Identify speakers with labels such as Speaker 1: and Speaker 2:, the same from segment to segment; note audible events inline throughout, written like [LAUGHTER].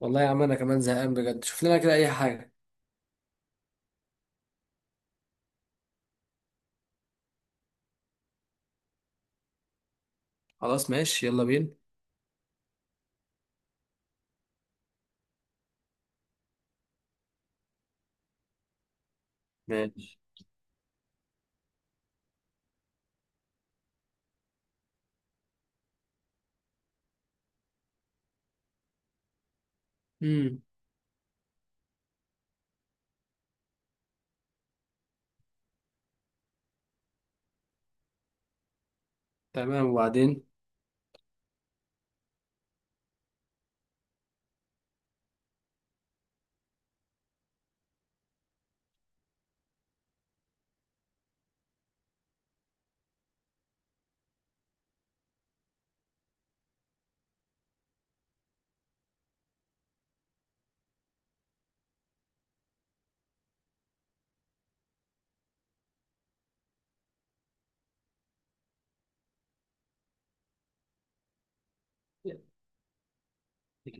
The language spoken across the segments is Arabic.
Speaker 1: والله يا عم انا كمان زهقان بجد. شوف لنا كده اي حاجه. خلاص ماشي يلا بينا. ماشي. امم تمام وبعدين؟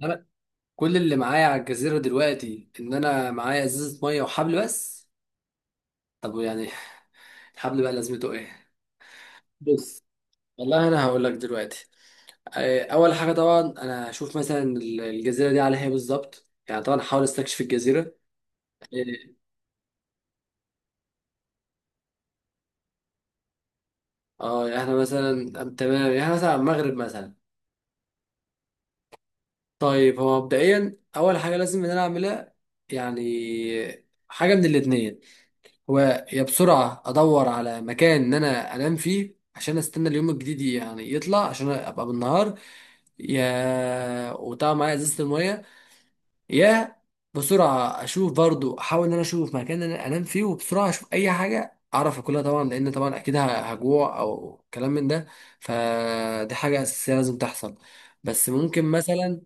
Speaker 1: انا كل اللي معايا على الجزيره دلوقتي ان انا معايا ازازه ميه وحبل بس. طب يعني الحبل بقى لازمته ايه؟ بص والله انا هقول لك دلوقتي، اول حاجه طبعا انا هشوف مثلا الجزيره دي على ايه بالظبط، يعني طبعا هحاول استكشف الجزيره. اه، يعني احنا مثلا، تمام يعني إحنا مثلا على المغرب مثلا. طيب هو مبدئيا اول حاجه لازم ان انا اعملها، يعني حاجه من الاتنين. هو يا بسرعه ادور على مكان ان انا انام فيه عشان استنى اليوم الجديد يعني يطلع عشان ابقى بالنهار، يا وطبعا معايا ازازه الميه، يا بسرعه اشوف برضو احاول ان انا اشوف مكان إن انا انام فيه وبسرعه اشوف اي حاجه اعرف اكلها، طبعا لان طبعا اكيد هجوع او كلام من ده. فدي حاجه اساسيه لازم تحصل. بس ممكن مثلا،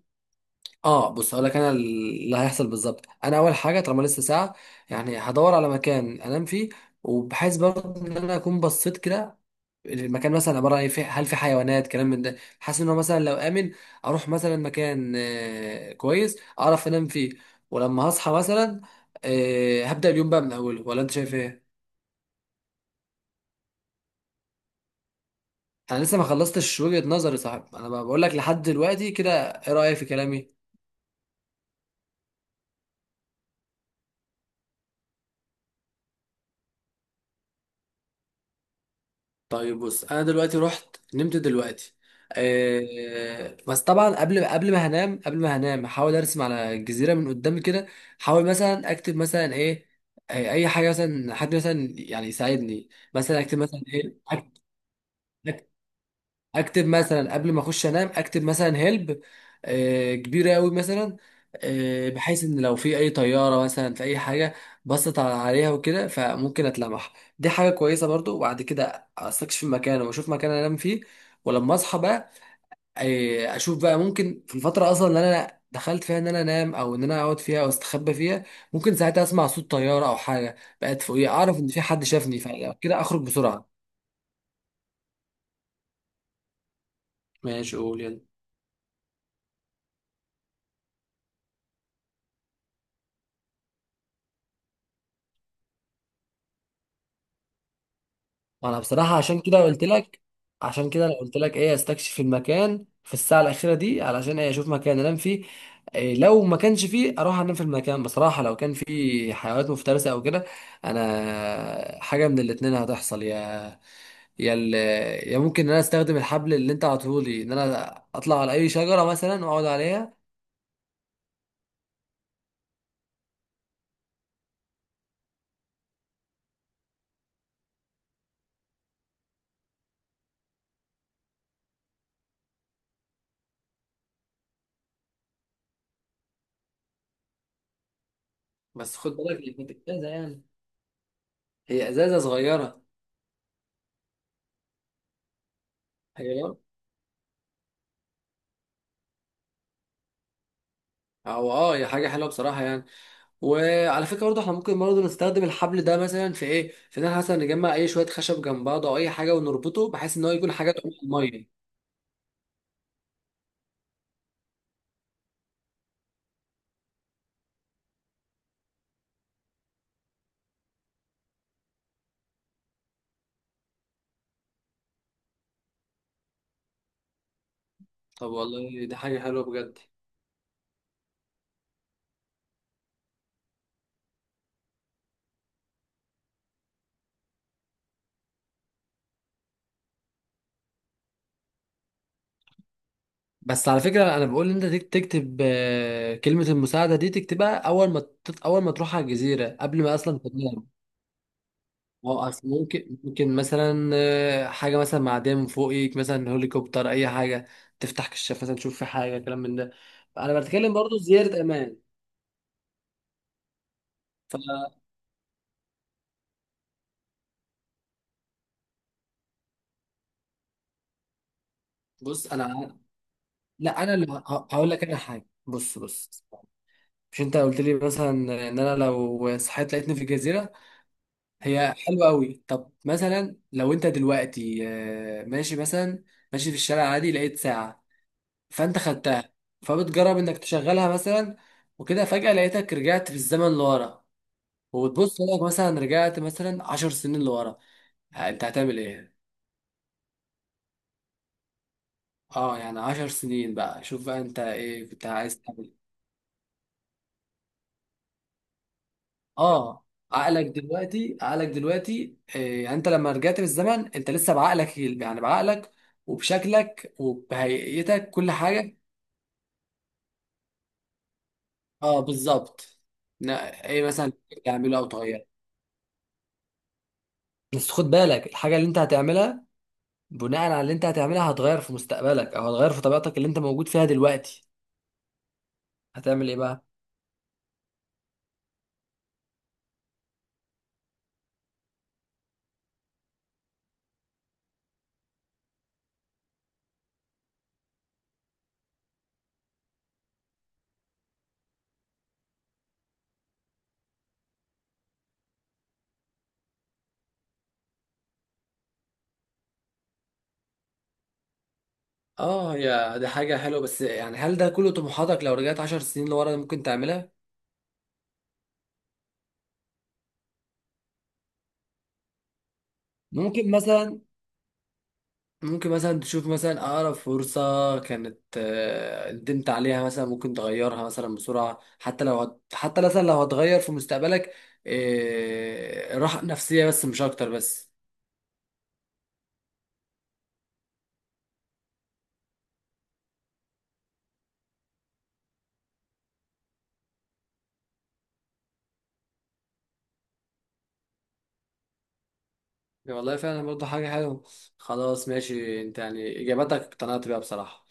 Speaker 1: اه بص هقول لك انا اللي هيحصل بالظبط. انا اول حاجه طالما لسه ساعه، يعني هدور على مكان انام فيه، وبحيث برضه ان انا اكون بصيت كده المكان مثلا عباره عن هل في حيوانات كلام من ده، حاسس ان هو مثلا لو امن اروح مثلا مكان كويس اعرف انام فيه. ولما هصحى مثلا، هبدا اليوم بقى من اوله، ولا انت شايف ايه؟ انا لسه ما خلصتش وجهه نظري صاحب، انا بقول لك لحد دلوقتي كده، ايه رايك في كلامي؟ طيب بص انا دلوقتي رحت نمت دلوقتي. أه بس طبعا قبل ما هنام، قبل ما هنام احاول ارسم على الجزيره من قدام كده، احاول مثلا اكتب مثلا ايه، اي حاجه مثلا حد مثلا يعني يساعدني. مثلا اكتب مثلا ايه، أكتب اكتب مثلا قبل ما اخش انام، اكتب مثلا هيلب، كبيره قوي مثلا، بحيث ان لو في اي طياره مثلا في اي حاجه بصت عليها وكده فممكن اتلمح. دي حاجه كويسه برضو. وبعد كده استكشف المكان واشوف مكان انام فيه. ولما اصحى بقى، اشوف بقى ممكن في الفتره اصلا اللي انا دخلت فيها ان انا انام او ان انا اقعد فيها او استخبى فيها، ممكن ساعتها اسمع صوت طياره او حاجه بقت فوقيه اعرف ان في حد شافني فكده اخرج بسرعه. ماشي قول يلا. انا بصراحه عشان كده قلت لك، عشان كده انا قلت لك ايه استكشف المكان في الساعه الاخيره دي، علشان ايه؟ اشوف مكان انام فيه. إيه لو ما كانش فيه اروح انام في المكان بصراحه، لو كان فيه حيوانات مفترسه او كده انا حاجه من الاتنين هتحصل، يا يا ال... يا ممكن ان انا استخدم الحبل اللي انت عطولي ان انا اطلع على اي شجره مثلا واقعد عليها. بس خد بالك هي كانت ازازه يعني، هي ازازه صغيره. هي او اه هي حاجه حلوه بصراحه يعني. وعلى فكره برضه احنا ممكن برضه نستخدم الحبل ده مثلا في ايه، في ان احنا مثلا نجمع اي شويه خشب جنب بعض او اي حاجه ونربطه بحيث ان هو يكون حاجه تعوم في الميه. طب والله دي حاجه حلوه بجد. بس على فكرة أنا بقول إن أنت تكتب كلمة المساعدة دي تكتبها أول ما أول ما تروح على الجزيرة قبل ما أصلا تنام. هو أصل ممكن مثلا حاجة مثلا معدية من فوقك مثلا هليكوبتر أي حاجة، تفتح كشاف مثلا تشوف في حاجة كلام من ده. أنا بتكلم برضو زيارة أمان. فبص أنا، لا انا اللي هقول لك انا حاجه، بص. مش انت قلت لي مثلا ان انا لو صحيت لقيتني في جزيره، هي حلوه قوي. طب مثلا لو انت دلوقتي، ماشي مثلا، ماشي في الشارع عادي لقيت ساعه، فانت خدتها، فبتجرب انك تشغلها مثلا، وكده فجاه لقيتك رجعت في الزمن لورا، وبتبص لك مثلا رجعت مثلا عشر سنين لورا، انت هتعمل ايه؟ اه يعني عشر سنين بقى، شوف بقى انت ايه كنت عايز. اه عقلك دلوقتي، عقلك دلوقتي، يعني انت لما رجعت بالزمن انت لسه بعقلك، يعني بعقلك وبشكلك وبهيئتك كل حاجه. اه بالظبط. ايه مثلا تعمله او تغيره؟ بس خد بالك الحاجه اللي انت هتعملها، بناء على اللي انت هتعملها هتغير في مستقبلك او هتغير في طبيعتك اللي انت موجود فيها دلوقتي. هتعمل ايه بقى؟ اه، يا دي حاجه حلوه، بس يعني هل ده كله طموحاتك لو رجعت عشر سنين لورا ممكن تعملها؟ ممكن مثلا ممكن مثلا تشوف مثلا أقرب فرصة كانت ندمت عليها مثلا، ممكن تغيرها مثلا بسرعة، حتى لو حتى مثلا لو هتغير في مستقبلك، راحة نفسية بس مش أكتر بس. يعني والله فعلا برضه حاجة حلوة. خلاص ماشي أنت يعني إجاباتك اقتنعت بيها بصراحة.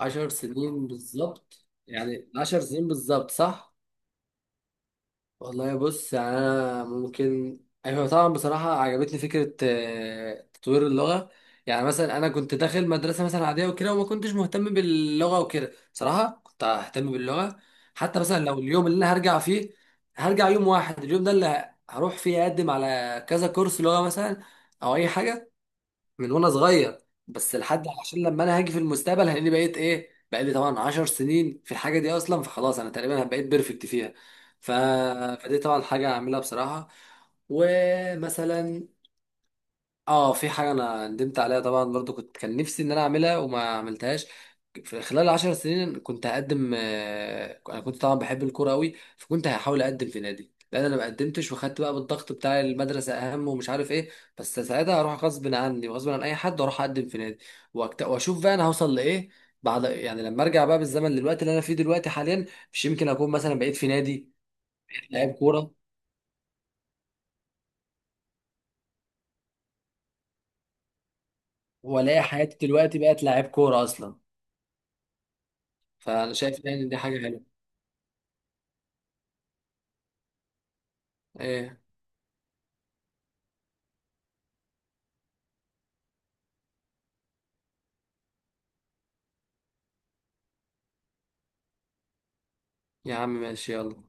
Speaker 1: عشر سنين بالظبط، يعني عشر سنين بالظبط صح؟ والله بص يعني انا ممكن، ايوه طبعا بصراحه عجبتني فكره تطوير اللغه. يعني مثلا انا كنت داخل مدرسه مثلا عاديه وكده وما كنتش مهتم باللغه وكده، بصراحه كنت ههتم باللغه حتى مثلا لو اليوم اللي انا هرجع فيه، هرجع يوم واحد اليوم ده اللي هروح فيه اقدم على كذا كورس لغه مثلا او اي حاجه، من وانا صغير، بس لحد عشان لما انا هاجي في المستقبل هلاقيني بقيت ايه بقى، لي طبعا 10 سنين في الحاجه دي اصلا فخلاص انا تقريبا بقيت بيرفكت فيها. ف... فدي طبعا حاجه هعملها بصراحه. ومثلا اه في حاجه انا ندمت عليها طبعا برضو، كنت كان نفسي ان انا اعملها وما عملتهاش، في خلال عشر سنين كنت هقدم، انا كنت طبعا بحب الكوره قوي فكنت هحاول اقدم في نادي، لان انا ما قدمتش وخدت بقى بالضغط بتاع المدرسه اهم ومش عارف ايه. بس ساعتها هروح غصب عني وغصب عن اي حد واروح اقدم في نادي، واشوف بقى انا هوصل لايه، بعد يعني لما ارجع بقى بالزمن للوقت اللي انا فيه دلوقتي حاليا. مش يمكن اكون مثلا بقيت في نادي لعيب كوره، والاقي حياتي دلوقتي بقت لعيب كوره اصلا. فانا شايف يعني إن دي حاجه حلوه. ايه يا عم ماشي يلا.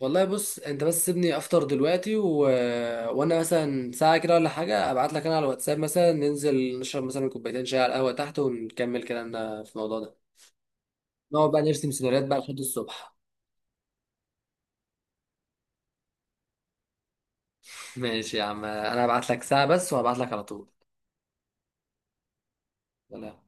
Speaker 1: والله بص انت بس سيبني افطر دلوقتي وانا مثلا ساعة كده ولا حاجة ابعت لك انا على الواتساب مثلا، ننزل نشرب مثلا كوبايتين شاي على القهوة تحت ونكمل كلامنا في الموضوع ده. نقعد بقى نرسم سيناريوهات بقى لحد الصبح. [LAUGHS] ماشي يا عم انا هبعت لك ساعة بس وهبعت لك على طول. سلام.